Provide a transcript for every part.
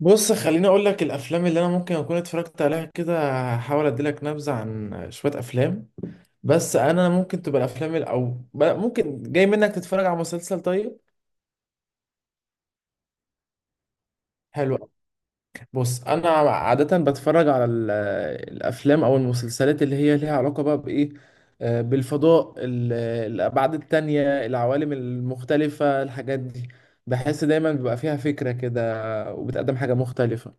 بص، خليني اقول لك الافلام اللي انا ممكن اكون اتفرجت عليها كده. هحاول اديلك نبذه عن شويه افلام. بس انا ممكن تبقى الافلام او ممكن جاي منك تتفرج على مسلسل. طيب، حلو. بص، انا عاده بتفرج على الافلام او المسلسلات اللي هي ليها علاقه بقى بايه، بالفضاء، الابعاد التانية، العوالم المختلفه، الحاجات دي. بحس دايما بيبقى فيها فكره كده وبتقدم حاجه مختلفه.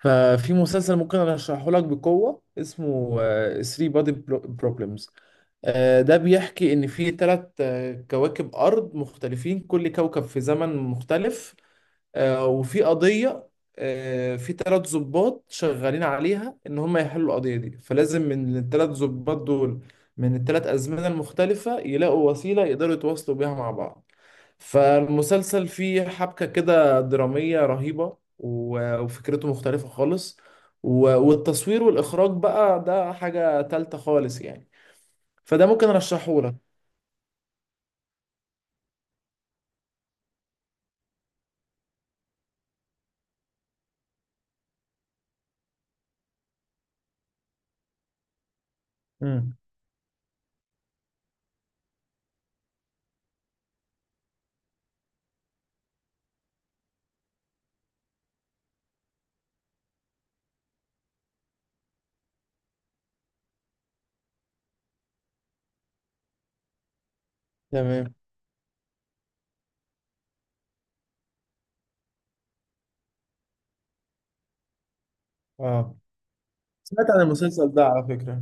ففي مسلسل ممكن ارشحه لك بقوه، اسمه 3 بادي بروبلمز. ده بيحكي ان في ثلاث كواكب ارض مختلفين، كل كوكب في زمن مختلف. وفي قضيه، في ثلاث ضباط شغالين عليها ان هم يحلوا القضيه دي. فلازم من الثلاث ضباط دول، من الثلاث ازمنه المختلفه، يلاقوا وسيله يقدروا يتواصلوا بيها مع بعض. فالمسلسل فيه حبكة كده درامية رهيبة وفكرته مختلفة خالص. والتصوير والإخراج بقى ده حاجة تالتة خالص يعني. فده ممكن أرشحه لك. امم. تمام. اه، سمعت عن المسلسل ده على فكرة.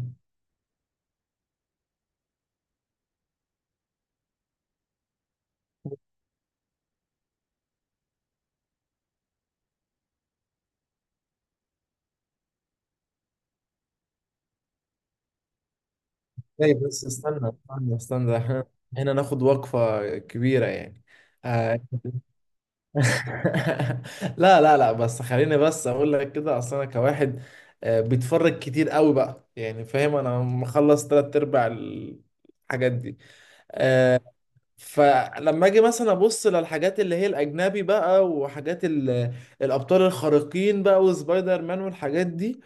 اي، بس استنى استنى استنى، احنا هنا ناخد وقفة كبيرة يعني. آه، لا لا لا، بس خليني بس اقول لك كده، اصل انا كواحد بيتفرج كتير قوي بقى، يعني فاهم انا مخلص تلات ارباع الحاجات دي. آه، فلما اجي مثلا ابص للحاجات اللي هي الاجنبي بقى، وحاجات الابطال الخارقين بقى، وسبايدر مان والحاجات دي،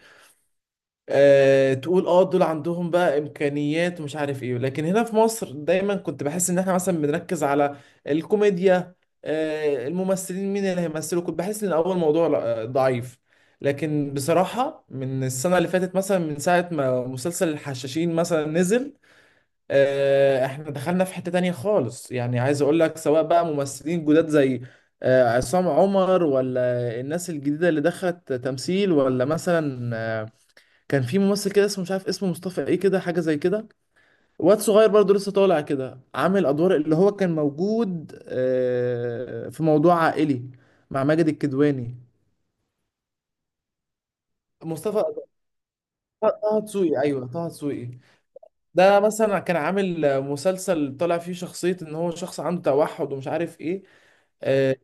تقول اه دول عندهم بقى امكانيات ومش عارف ايه. لكن هنا في مصر دايما كنت بحس ان احنا مثلا بنركز على الكوميديا، الممثلين مين اللي هيمثلوا. كنت بحس ان اول موضوع ضعيف. لكن بصراحة، من السنة اللي فاتت مثلا، من ساعة ما مسلسل الحشاشين مثلا نزل، احنا دخلنا في حتة تانية خالص. يعني عايز اقول لك، سواء بقى ممثلين جداد زي عصام عمر، ولا الناس الجديدة اللي دخلت تمثيل، ولا مثلا كان في ممثل كده اسمه، مش عارف اسمه، مصطفى ايه كده حاجه زي كده. واد صغير برضه لسه طالع كده، عامل ادوار، اللي هو كان موجود في موضوع عائلي مع ماجد الكدواني. مصطفى، طه دسوقي. ايوه، طه دسوقي. ده مثلا كان عامل مسلسل طالع فيه شخصيه ان هو شخص عنده توحد، ومش عارف ايه. آه،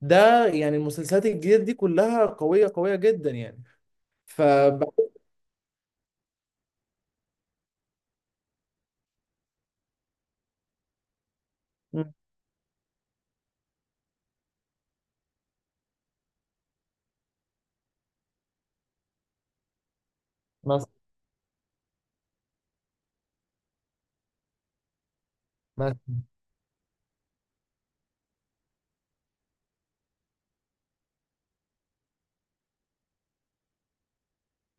ده يعني المسلسلات الجديده دي كلها قويه قويه جدا يعني. فبحس. مم. مثلا مثلا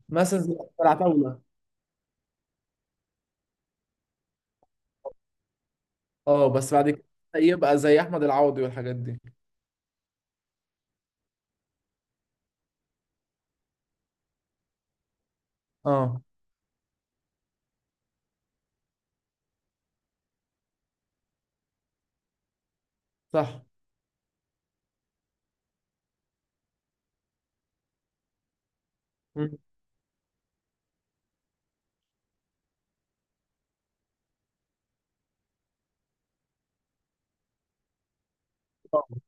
مثلا زي العتاوله. اه، بس بعد كده يبقى زي احمد العوضي والحاجات دي. اه، صح. مم. اه.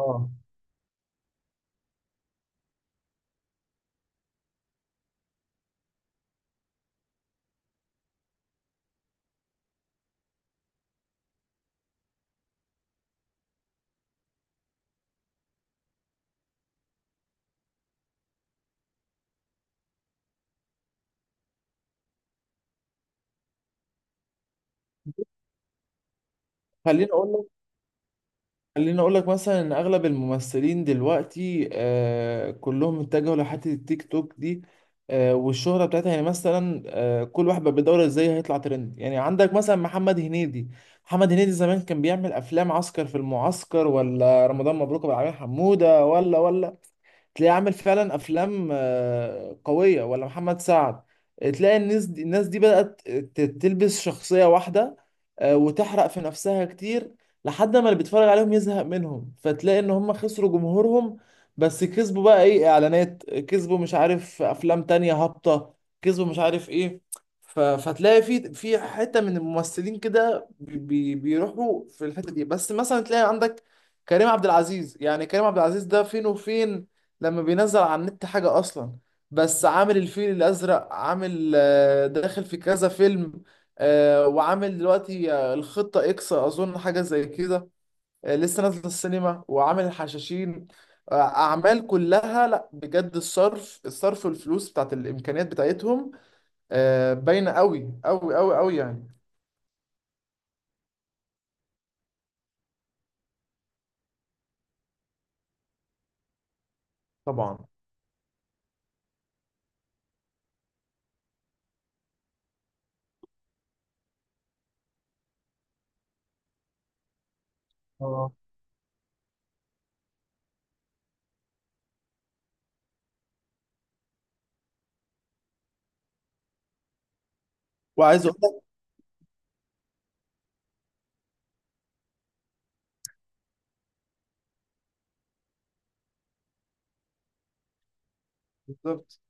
آه. خليني اقول لك خليني اقول لك مثلا ان اغلب الممثلين دلوقتي كلهم اتجهوا لحته التيك توك دي، والشهره بتاعتها. يعني مثلا كل واحد بقى بيدور ازاي هيطلع ترند. يعني عندك مثلا محمد هنيدي. محمد هنيدي زمان كان بيعمل افلام عسكر في المعسكر، ولا رمضان مبروك، ابو العلمين حموده، ولا تلاقيه عامل فعلا افلام قويه، ولا محمد سعد. تلاقي الناس دي بدات تلبس شخصيه واحده، وتحرق في نفسها كتير، لحد ما اللي بيتفرج عليهم يزهق منهم، فتلاقي ان هم خسروا جمهورهم. بس كسبوا بقى ايه، اعلانات، كسبوا مش عارف افلام تانية هابطه، كسبوا مش عارف ايه. فتلاقي في حته من الممثلين كده، بيروحوا في الحته دي. بس مثلا تلاقي عندك كريم عبد العزيز، يعني كريم عبد العزيز ده فين وفين. لما بينزل على النت حاجة أصلا. بس عامل الفيل الأزرق، عامل داخل في كذا فيلم، وعامل دلوقتي الخطة إكس، أظن حاجة زي كده. لسه نازلة السينما، وعامل الحشاشين. أعمال كلها، لأ بجد، الصرف الصرف والفلوس بتاعت الإمكانيات بتاعتهم باينة أوي أوي أوي أوي يعني. طبعا. اه، وعايز أقول لك. بالظبط،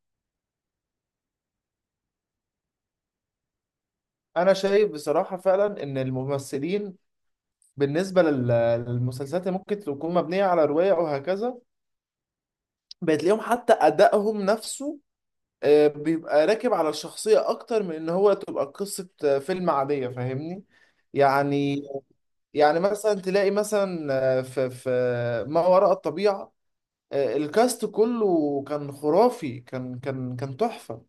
أنا شايف بصراحة فعلا إن الممثلين بالنسبة للمسلسلات اللي ممكن تكون مبنية على رواية أو هكذا، بتلاقيهم حتى أدائهم نفسه بيبقى راكب على الشخصية أكتر من إن هو تبقى قصة فيلم عادية، فاهمني؟ يعني يعني مثلا تلاقي مثلا، في ما وراء الطبيعة، الكاست كله كان خرافي، كان تحفة.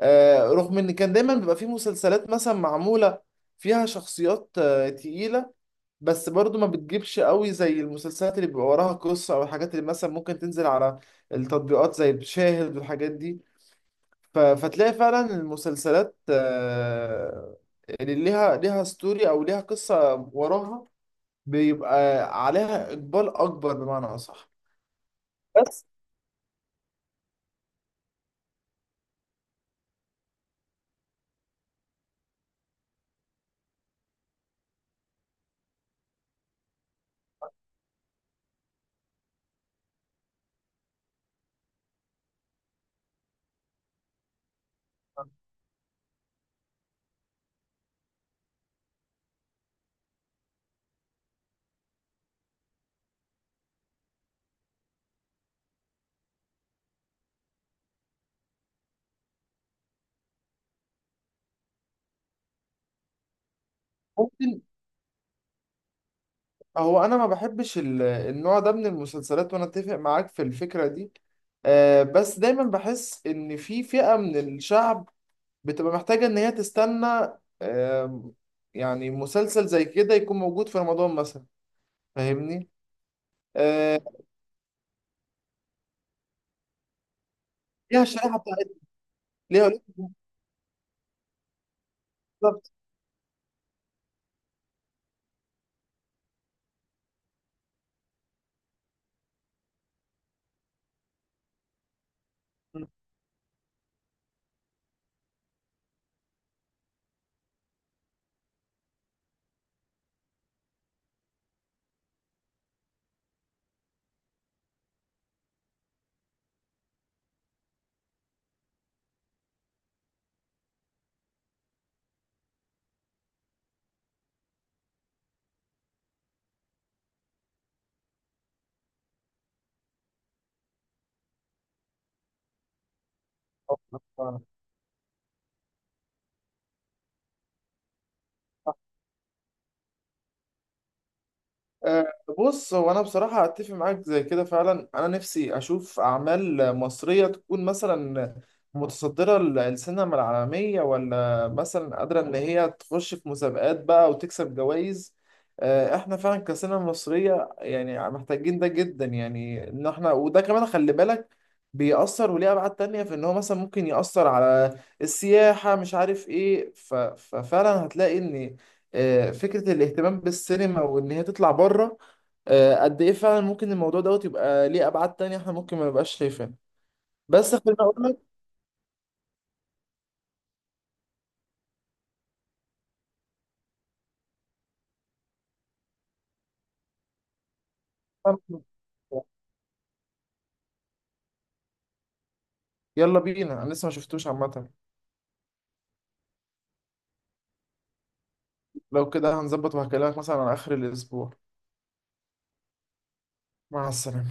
رغم ان كان دايما بيبقى فيه مسلسلات مثلا معمولة فيها شخصيات تقيلة، بس برضو ما بتجيبش قوي زي المسلسلات اللي بيبقى وراها قصة، او الحاجات اللي مثلا ممكن تنزل على التطبيقات زي شاهد والحاجات دي. فتلاقي فعلا المسلسلات اللي ليها ستوري او ليها قصة وراها، بيبقى عليها اقبال اكبر بمعنى اصح. بس ممكن، هو انا ما بحبش النوع ده من المسلسلات، وانا اتفق معاك في الفكرة دي. بس دايما بحس ان في فئة من الشعب بتبقى محتاجة ان هي تستنى، آه، يعني مسلسل زي كده يكون موجود في رمضان مثلا، فاهمني؟ آه، ليها الشريحة بتاعتها. ليها، بالظبط. أه، بص، هو انا بصراحه اتفق معاك زي كده. فعلا انا نفسي اشوف اعمال مصريه تكون مثلا متصدره السينما العالميه، ولا مثلا قادره ان هي تخش في مسابقات بقى وتكسب جوائز. احنا فعلا كسينما مصريه يعني محتاجين ده جدا. يعني ان احنا، وده كمان خلي بالك، بيأثر وليه ابعاد تانية، في ان هو مثلا ممكن يأثر على السياحه، مش عارف ايه. ففعلا هتلاقي ان فكرة الاهتمام بالسينما وإن هي تطلع بره قد إيه فعلا ممكن الموضوع دوت يبقى ليه أبعاد تانية إحنا ممكن ما نبقاش شايفينها. بس خليني أقول لك. يلا بينا، أنا لسه ما شفتوش عامة. لو كده هنظبط وهكلمك مثلا على آخر الأسبوع. مع السلامة.